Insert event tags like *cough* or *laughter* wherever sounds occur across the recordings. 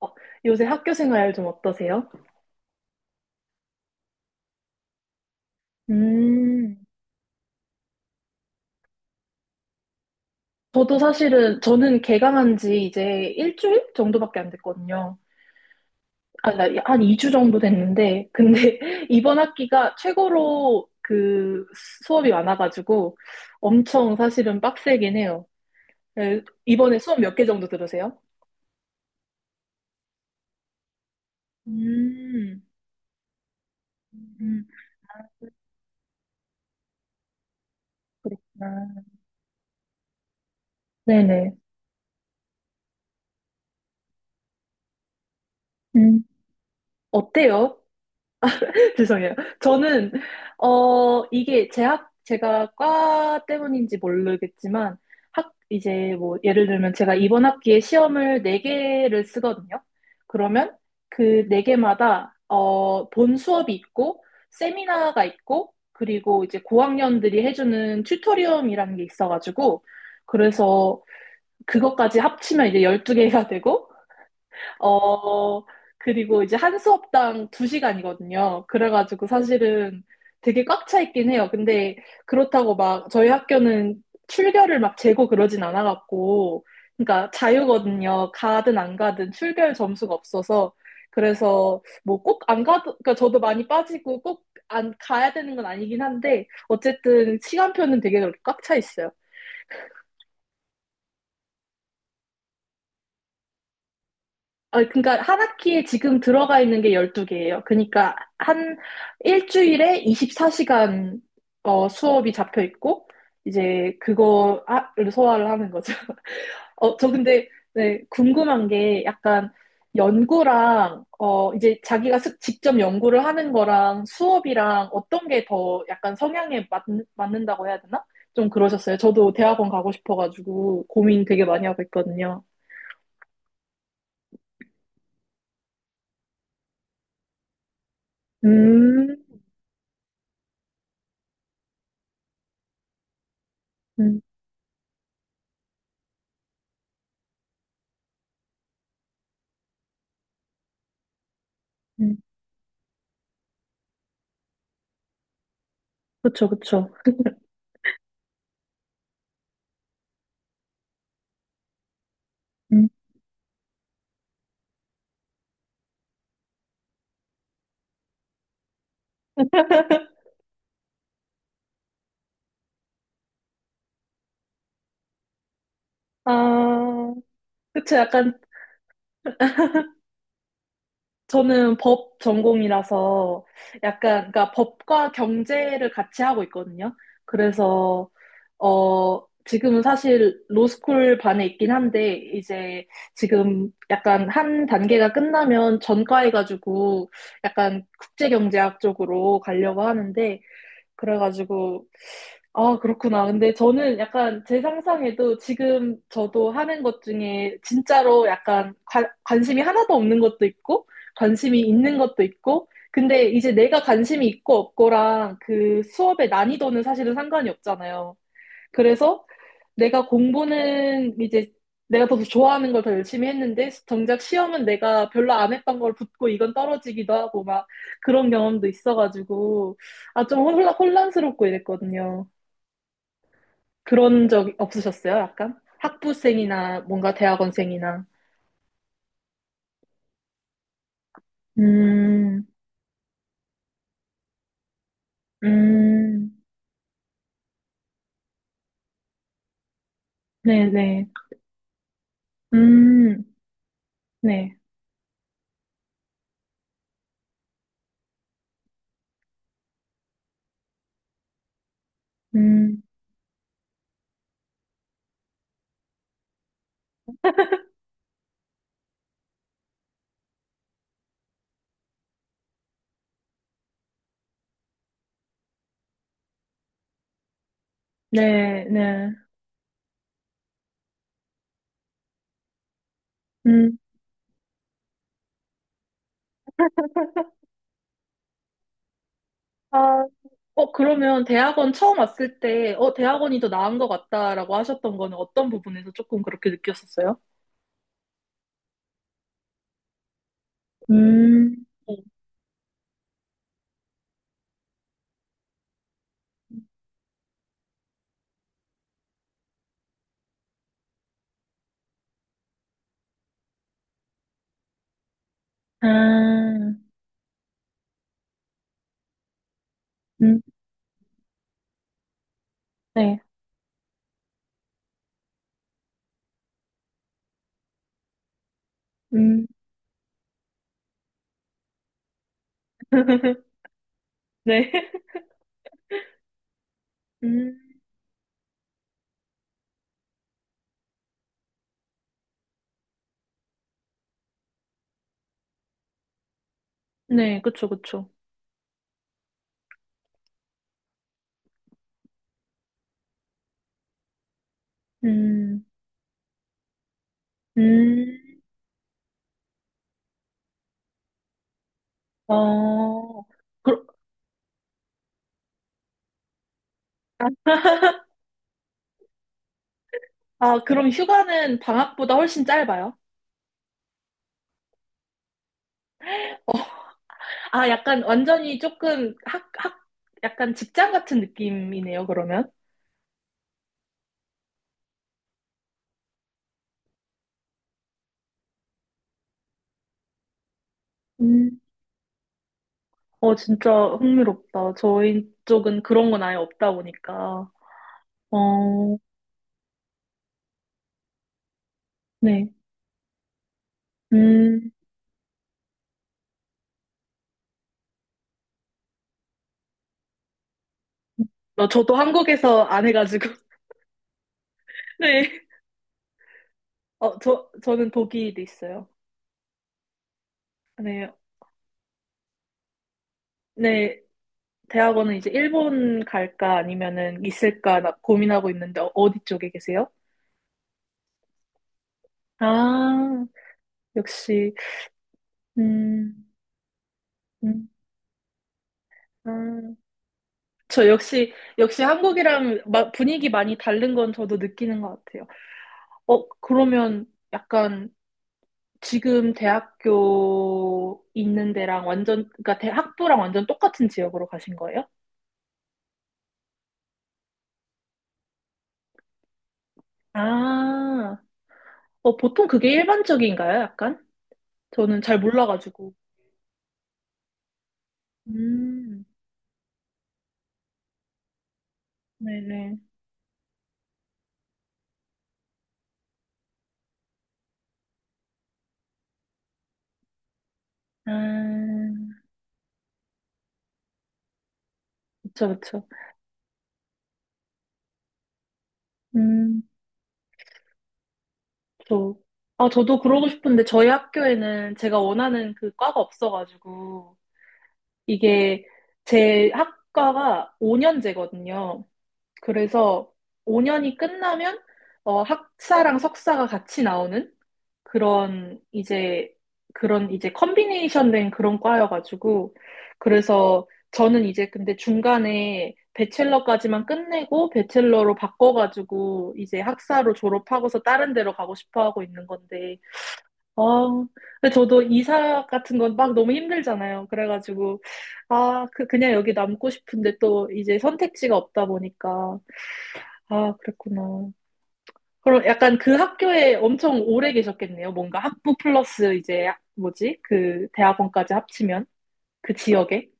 어, 요새 학교 생활 좀 어떠세요? 음, 저도 사실은 저는 개강한 지 이제 1주일 정도밖에 안 됐거든요. 아, 나 한 2주 정도 됐는데 근데 *laughs* 이번 학기가 최고로 그 수업이 많아가지고 엄청 사실은 빡세긴 해요. 네, 이번에 수업 몇 개 정도 들으세요? 음, 음, 그렇구나. 네네. 음, 어때요? *laughs* 죄송해요. 저는, 어, 이게 제가 과 때문인지 모르겠지만, 이제 뭐, 예를 들면 제가 이번 학기에 시험을 네개를 쓰거든요. 그러면 그 네개마다 어, 본 수업이 있고, 세미나가 있고, 그리고 이제 고학년들이 해주는 튜토리엄이라는 게 있어가지고, 그래서 그것까지 합치면 이제 12개가 되고, 어, 그리고 이제 한 수업당 두시간이거든요. 그래가지고 사실은 되게 꽉 차 있긴 해요. 근데 그렇다고 막 저희 학교는 출결을 막 재고 그러진 않아갖고, 그러니까 자유거든요. 가든 안 가든 출결 점수가 없어서. 그래서 뭐 꼭 안 가도, 그러니까 저도 많이 빠지고 꼭 안 가야 되는 건 아니긴 한데, 어쨌든 시간표는 되게 그렇게 꽉 차 있어요. 아, 그러니까 한 학기에 지금 들어가 있는 게 12개예요. 그러니까 한 일주일에 24시간 어, 수업이 잡혀 있고 이제 그거를 소화를 하는 거죠. *laughs* 어, 저 근데 네, 궁금한 게 약간 연구랑 어, 이제 자기가 직접 연구를 하는 거랑 수업이랑 어떤 게 더 약간 성향에 맞, 맞는다고 해야 되나? 좀 그러셨어요. 저도 대학원 가고 싶어가지고 고민 되게 많이 하고 있거든요. 음, 음, 음. 그쵸, 그쵸. 음. 아, 그쵸. 약간 저는 법 전공이라서 약간, 그러니까 법과 경제를 같이 하고 있거든요. 그래서, 어, 지금은 사실 로스쿨 반에 있긴 한데, 이제 지금 약간 한 단계가 끝나면 전과해가지고 약간 국제경제학 쪽으로 가려고 하는데, 그래가지고 아, 그렇구나. 근데 저는 약간 제 상상에도 지금 저도 하는 것 중에 진짜로 약간 관심이 하나도 없는 것도 있고, 관심이 있는 것도 있고, 근데 이제 내가 관심이 있고 없고랑 그 수업의 난이도는 사실은 상관이 없잖아요. 그래서 내가 공부는 이제 내가 더 좋아하는 걸 더 열심히 했는데, 정작 시험은 내가 별로 안 했던 걸 붙고 이건 떨어지기도 하고 막 그런 경험도 있어가지고, 아, 좀 혼란스럽고 이랬거든요. 그런 적 없으셨어요? 약간? 학부생이나 뭔가 대학원생이나. 음, 음, 네네. 음, 네. 음, 네네. 음, 아, 어, 그러면 대학원 처음 왔을 때, 어, 대학원이 더 나은 것 같다라고 하셨던 거는 어떤 부분에서 조금 그렇게 느꼈었어요? 음, 네. 아, 네. 음, 네. *laughs* 음, 네. 그쵸, 그쵸. 음, 음, 어, 그, 아, 그럼 휴가는 방학보다 훨씬 짧아요? 어, 아, 약간 완전히 조금 약간 직장 같은 느낌이네요, 그러면. 음, 어, 진짜 흥미롭다. 저희 쪽은 그런 건 아예 없다 보니까. 어, 네. 음, 어, 저도 한국에서 안 해가지고. *laughs* 네. 어, 저는 독일에 있어요. 네. 네. 대학원은 이제 일본 갈까 아니면은 있을까 나 고민하고 있는데 어디 쪽에 계세요? 아, 역시 음, 음, 아, 저 역시, 역시 한국이랑 분위기 많이 다른 건 저도 느끼는 것 같아요. 어, 그러면 약간 지금 대학교 있는 데랑 완전, 그러니까 대, 학부랑 완전 똑같은 지역으로 가신 거예요? 아, 어, 보통 그게 일반적인가요? 약간? 저는 잘 몰라가지고. 음, 네네. 아, 그쵸, 그쵸. 음. 저, 아, 저도 그러고 싶은데 저희 학교에는 제가 원하는 그 과가 없어가지고 이게 제 학과가 5년제거든요. 그래서 5년이 끝나면 어, 학사랑 석사가 같이 나오는 그런 이제 그런 이제 컨비네이션 된 그런 과여가지고 그래서 저는 이제 근데 중간에 배첼러까지만 끝내고 배첼러로 바꿔가지고 이제 학사로 졸업하고서 다른 데로 가고 싶어 하고 있는 건데 아, 근데 저도 이사 같은 건 막 너무 힘들잖아요. 그래가지고, 아, 그냥 여기 남고 싶은데 또 이제 선택지가 없다 보니까. 아, 그랬구나. 그럼 약간 그 학교에 엄청 오래 계셨겠네요. 뭔가 학부 플러스 이제, 뭐지? 그 대학원까지 합치면? 그 지역에?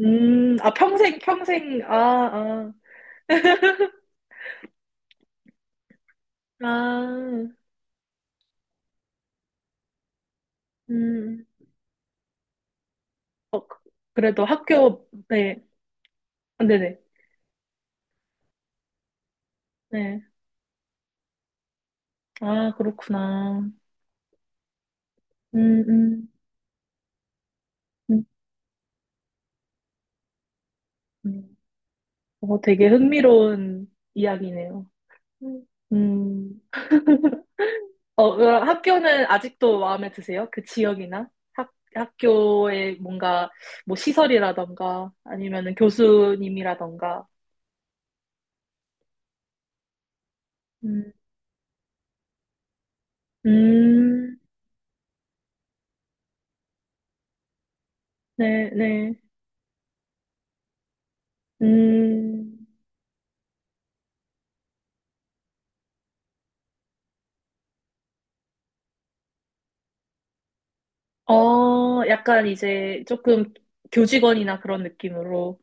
아, 평생, 평생, 아, 아, 아, 음, 그래도 학교, 네, 아, 네네, 네. 아, 그렇구나. 음, 음, 음. 음. 어, 되게 흥미로운 이야기네요. 음. 음, 어, 그럼 학교는 아직도 마음에 드세요? 그 지역이나 학, 학교의 뭔가 뭐 시설이라던가 아니면은 교수님이라던가. 음, 음, 네, 네. 음, 어, 약간 이제 조금 교직원이나 그런 느낌으로.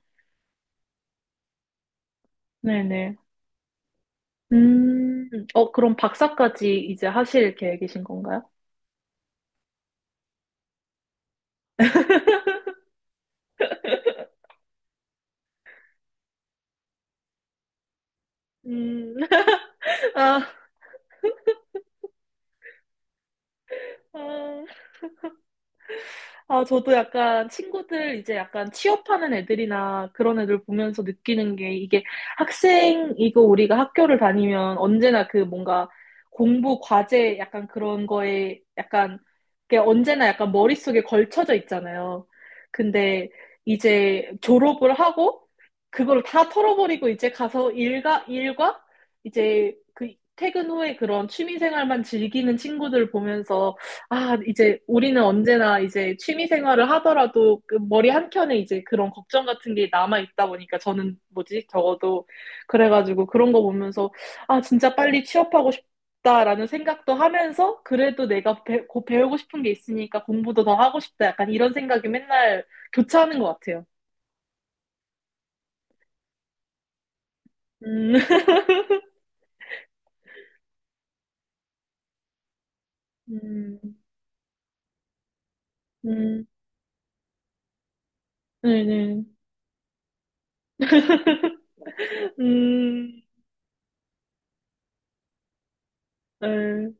네네. 음, 어, 그럼 박사까지 이제 하실 계획이신 건가요? 음. *laughs* 아, 아, 아, 저도 약간 친구들 이제 약간 취업하는 애들이나 그런 애들 보면서 느끼는 게 이게 학생이고 우리가 학교를 다니면 언제나 그 뭔가 공부 과제 약간 그런 거에 약간 그게 언제나 약간 머릿속에 걸쳐져 있잖아요. 근데 이제 졸업을 하고 그걸 다 털어버리고 이제 가서 일과 일과 이제 그 퇴근 후에 그런 취미 생활만 즐기는 친구들 보면서 아, 이제 우리는 언제나 이제 취미 생활을 하더라도 그 머리 한켠에 이제 그런 걱정 같은 게 남아 있다 보니까 저는 뭐지? 적어도 그래가지고 그런 거 보면서 아, 진짜 빨리 취업하고 싶다라는 생각도 하면서 그래도 내가 곧 배우고 싶은 게 있으니까 공부도 더 하고 싶다. 약간 이런 생각이 맨날 교차하는 것 같아요. 음, *laughs* 음, 음, 네네. *laughs* 음, 네.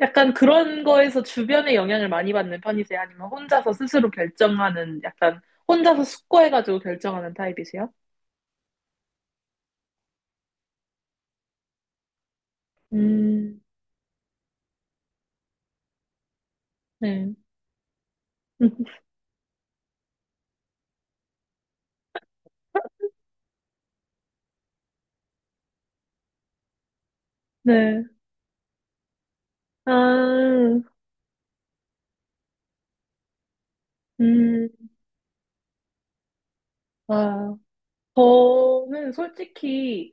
약간 그런 거에서 주변의 영향을 많이 받는 편이세요? 아니면 혼자서 스스로 결정하는, 약간 혼자서 숙고해가지고 결정하는 타입이세요? 음, 네. *laughs* 네. 아, 음, 아. 저는 솔직히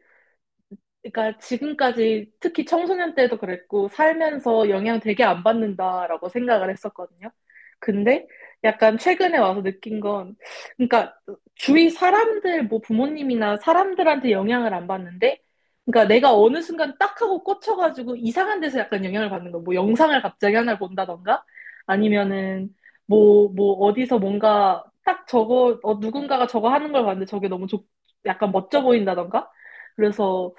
그러니까 지금까지 특히 청소년 때도 그랬고 살면서 영향 되게 안 받는다라고 생각을 했었거든요. 근데 약간 최근에 와서 느낀 건 그러니까 주위 사람들 뭐 부모님이나 사람들한테 영향을 안 받는데 그러니까 내가 어느 순간 딱 하고 꽂혀가지고 이상한 데서 약간 영향을 받는 거. 뭐 영상을 갑자기 하나 를 본다던가 아니면은 뭐 뭐 어디서 뭔가 딱 저거 어, 누군가가 저거 하는 걸 봤는데 저게 너무 좋 약간 멋져 보인다던가 그래서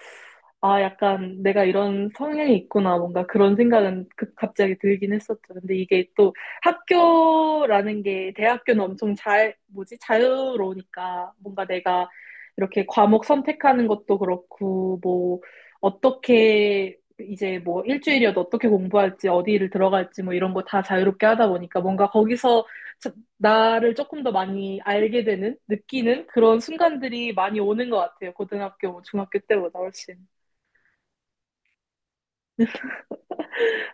아, 약간 내가 이런 성향이 있구나. 뭔가 그런 생각은 갑자기 들긴 했었죠. 근데 이게 또 학교라는 게 대학교는 엄청 잘, 뭐지? 자유로우니까 뭔가 내가 이렇게 과목 선택하는 것도 그렇고, 뭐, 어떻게 이제 뭐 일주일이어도 어떻게 공부할지, 어디를 들어갈지 뭐 이런 거 다 자유롭게 하다 보니까 뭔가 거기서 자- 나를 조금 더 많이 알게 되는, 느끼는 그런 순간들이 많이 오는 것 같아요. 고등학교, 뭐 중학교 때보다 훨씬.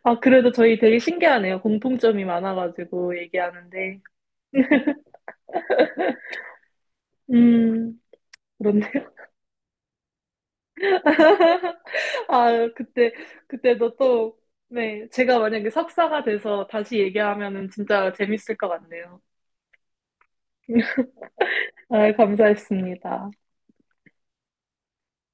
아, 그래도 저희 되게 신기하네요. 공통점이 많아가지고 얘기하는데. 음, 그런데, *laughs* 아, 그때, 그때도 또, 네, 제가 만약에 석사가 돼서 다시 얘기하면은 진짜 재밌을 것 같네요. 아, 감사했습니다.